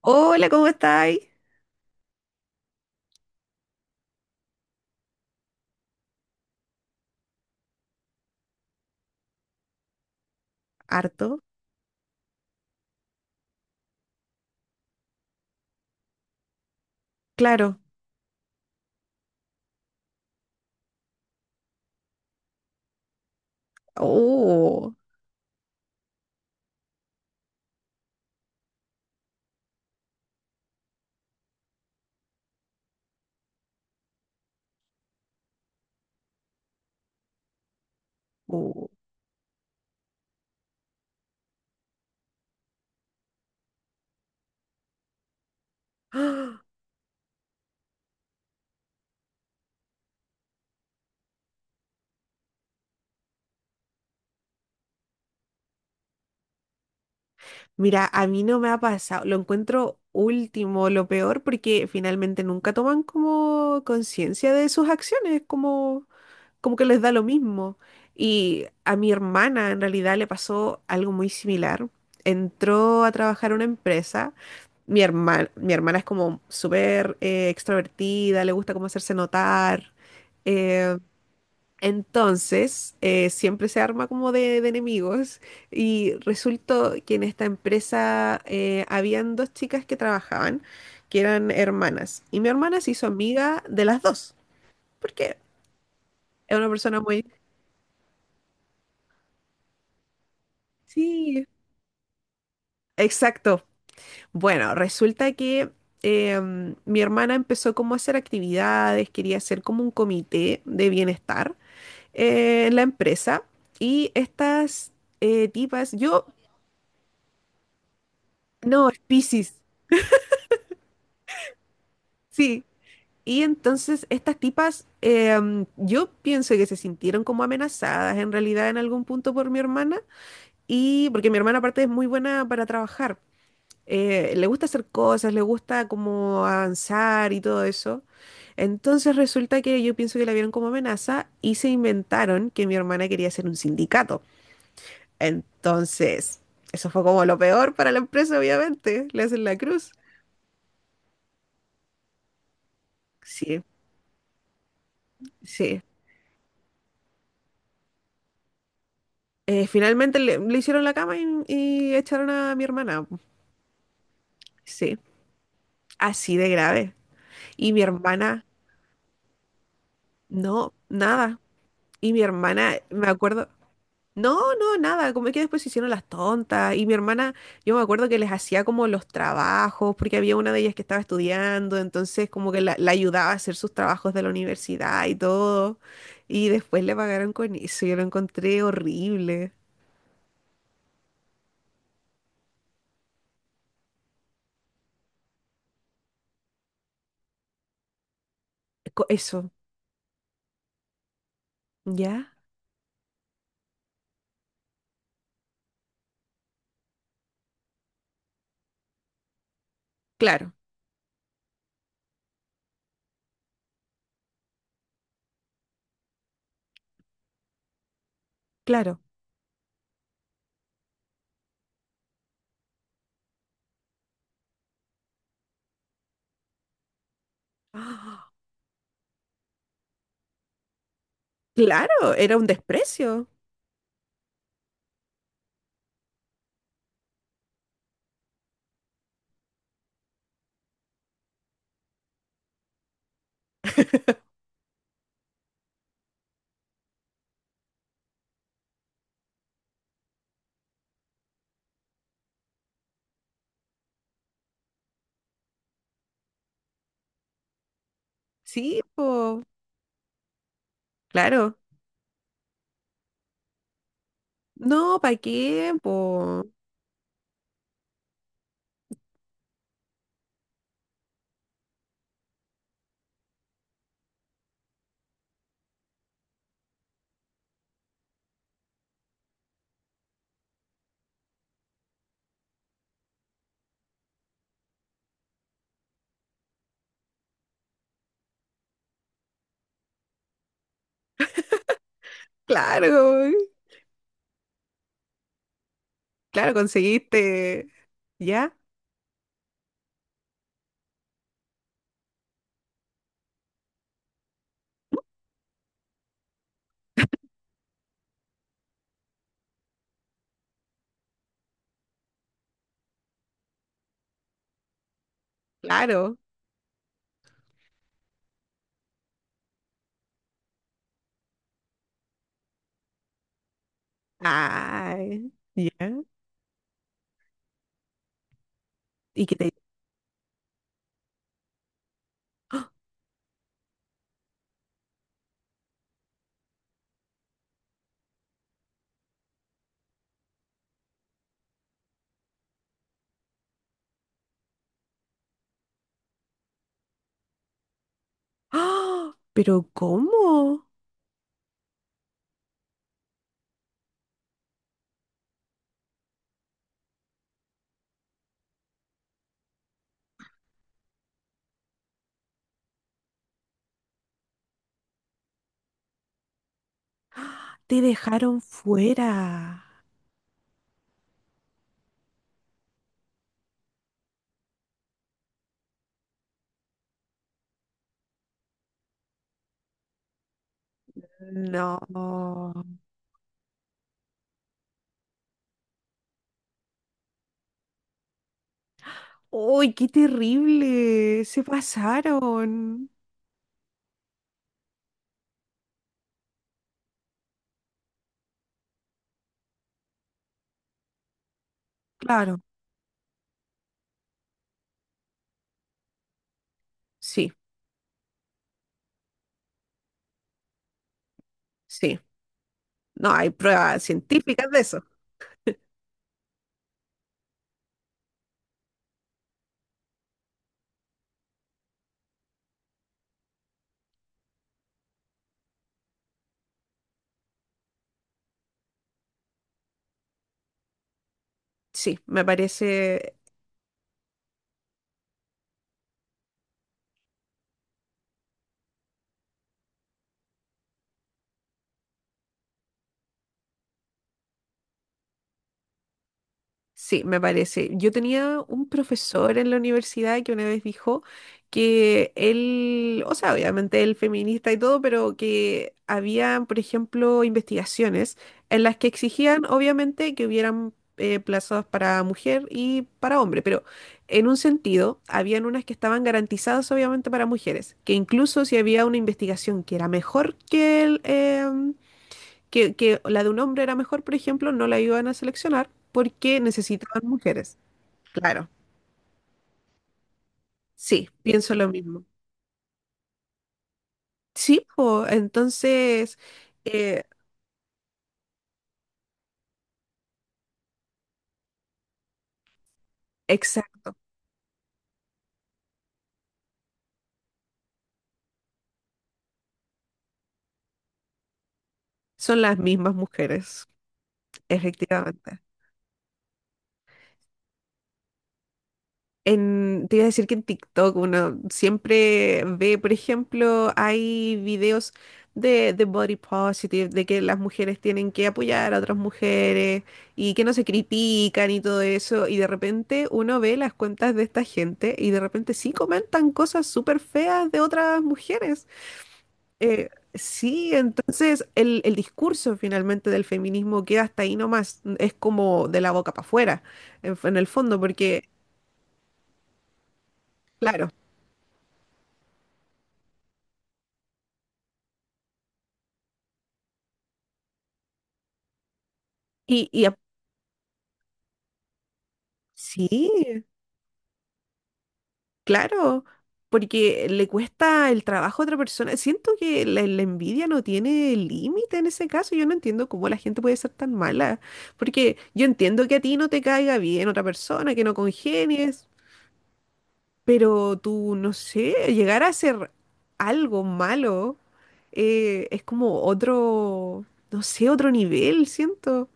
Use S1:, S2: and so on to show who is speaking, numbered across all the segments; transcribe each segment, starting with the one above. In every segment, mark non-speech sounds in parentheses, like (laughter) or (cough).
S1: Hola, ¿cómo estáis? Harto, claro. Oh, oh. (gasps) ¡Ah! Mira, a mí no me ha pasado. Lo encuentro último, lo peor, porque finalmente nunca toman como conciencia de sus acciones, como que les da lo mismo. Y a mi hermana en realidad le pasó algo muy similar. Entró a trabajar a una empresa. Mi hermana es como súper extrovertida, le gusta como hacerse notar. eh, Entonces, siempre se arma como de enemigos y resultó que en esta empresa habían dos chicas que trabajaban, que eran hermanas, y mi hermana se hizo amiga de las dos, porque es una persona muy... Sí, exacto. Bueno, resulta que mi hermana empezó como a hacer actividades, quería hacer como un comité de bienestar en la empresa, y estas tipas, yo... No, es Piscis. Sí, y entonces estas tipas, yo pienso que se sintieron como amenazadas en realidad en algún punto por mi hermana, y porque mi hermana aparte es muy buena para trabajar, le gusta hacer cosas, le gusta como avanzar y todo eso. Entonces resulta que yo pienso que la vieron como amenaza y se inventaron que mi hermana quería hacer un sindicato. Entonces, eso fue como lo peor para la empresa, obviamente, le hacen la cruz. Sí, sí. Finalmente le hicieron la cama y echaron a mi hermana. Sí, así de grave. Y mi hermana, no, nada. Y mi hermana, me acuerdo, no, no, nada. Como es que después se hicieron las tontas. Y mi hermana, yo me acuerdo que les hacía como los trabajos, porque había una de ellas que estaba estudiando, entonces como que la ayudaba a hacer sus trabajos de la universidad y todo. Y después le pagaron con eso. Yo lo encontré horrible. Eso, ¿ya? Claro, claro. (gasps) Claro, era un desprecio. (laughs) Sí, po, claro. No, ¿para qué, po? Claro, claro, conseguiste. ¿Ya? Claro. Ay, ¿ya? ¿Y que te... (gasps) ¡Ah! ¿Pero cómo? Te dejaron fuera. No. ¡Uy, qué terrible! Se pasaron. Claro, sí, sí. No, hay pruebas científicas de eso. Sí, me parece Sí, me parece. Yo tenía un profesor en la universidad que una vez dijo que él, o sea, obviamente él feminista y todo, pero que había, por ejemplo, investigaciones en las que exigían, obviamente, que hubieran plazas para mujer y para hombre, pero en un sentido, habían unas que estaban garantizadas, obviamente, para mujeres, que incluso si había una investigación que era mejor que la de un hombre era mejor, por ejemplo, no la iban a seleccionar porque necesitaban mujeres. Claro, sí, pienso lo mismo. Sí, po, entonces, eh, exacto, son las mismas mujeres, efectivamente. Te iba a decir que en TikTok uno siempre ve, por ejemplo, hay videos de body positive, de que las mujeres tienen que apoyar a otras mujeres y que no se critican y todo eso. Y de repente uno ve las cuentas de esta gente y de repente sí comentan cosas súper feas de otras mujeres. Sí, entonces el discurso finalmente del feminismo queda hasta ahí nomás. Es como de la boca para afuera, en el fondo, porque, claro. Y, y Sí, claro, porque le cuesta el trabajo a otra persona. Siento que la envidia no tiene límite en ese caso. Yo no entiendo cómo la gente puede ser tan mala, porque yo entiendo que a ti no te caiga bien otra persona, que no congenies, pero tú, no sé, llegar a hacer algo malo es como otro, no sé, otro nivel, siento.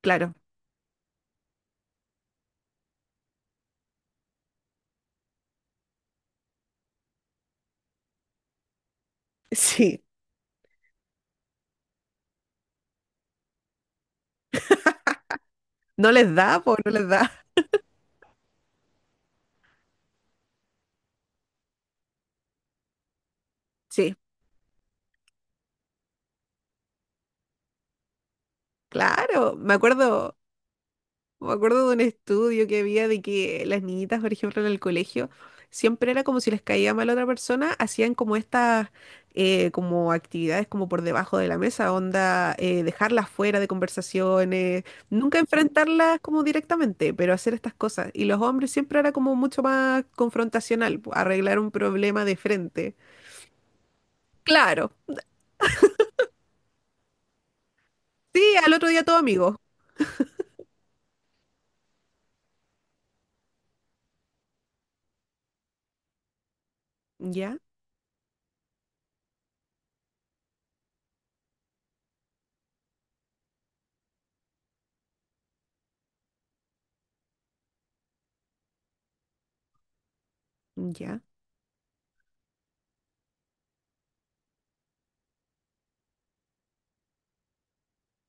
S1: Claro, (laughs) sí, no les da, pues no les da. Sí, claro, me acuerdo. Me acuerdo de un estudio que había de que las niñitas, por ejemplo, en el colegio, siempre era como si les caía mal a otra persona, hacían como estas como actividades como por debajo de la mesa, onda, dejarlas fuera de conversaciones, nunca enfrentarlas como directamente, pero hacer estas cosas. Y los hombres siempre era como mucho más confrontacional, arreglar un problema de frente. Claro, sí, al otro día todo amigo. Ya, ya.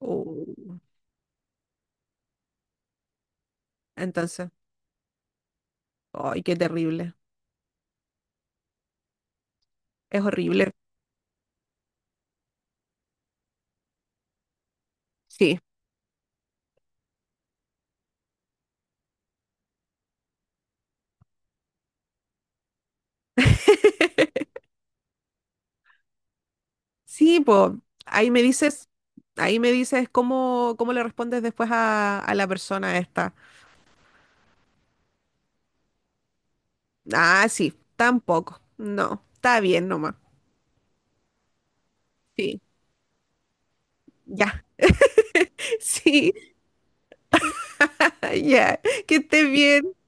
S1: Oh, entonces, ay, qué terrible. Es horrible. Sí. Sí, pues ahí me dices, ahí me dices cómo le respondes después a la persona esta. Ah, sí, tampoco. No, está bien nomás. Sí, ya. (laughs) Sí, ya. Que estés bien.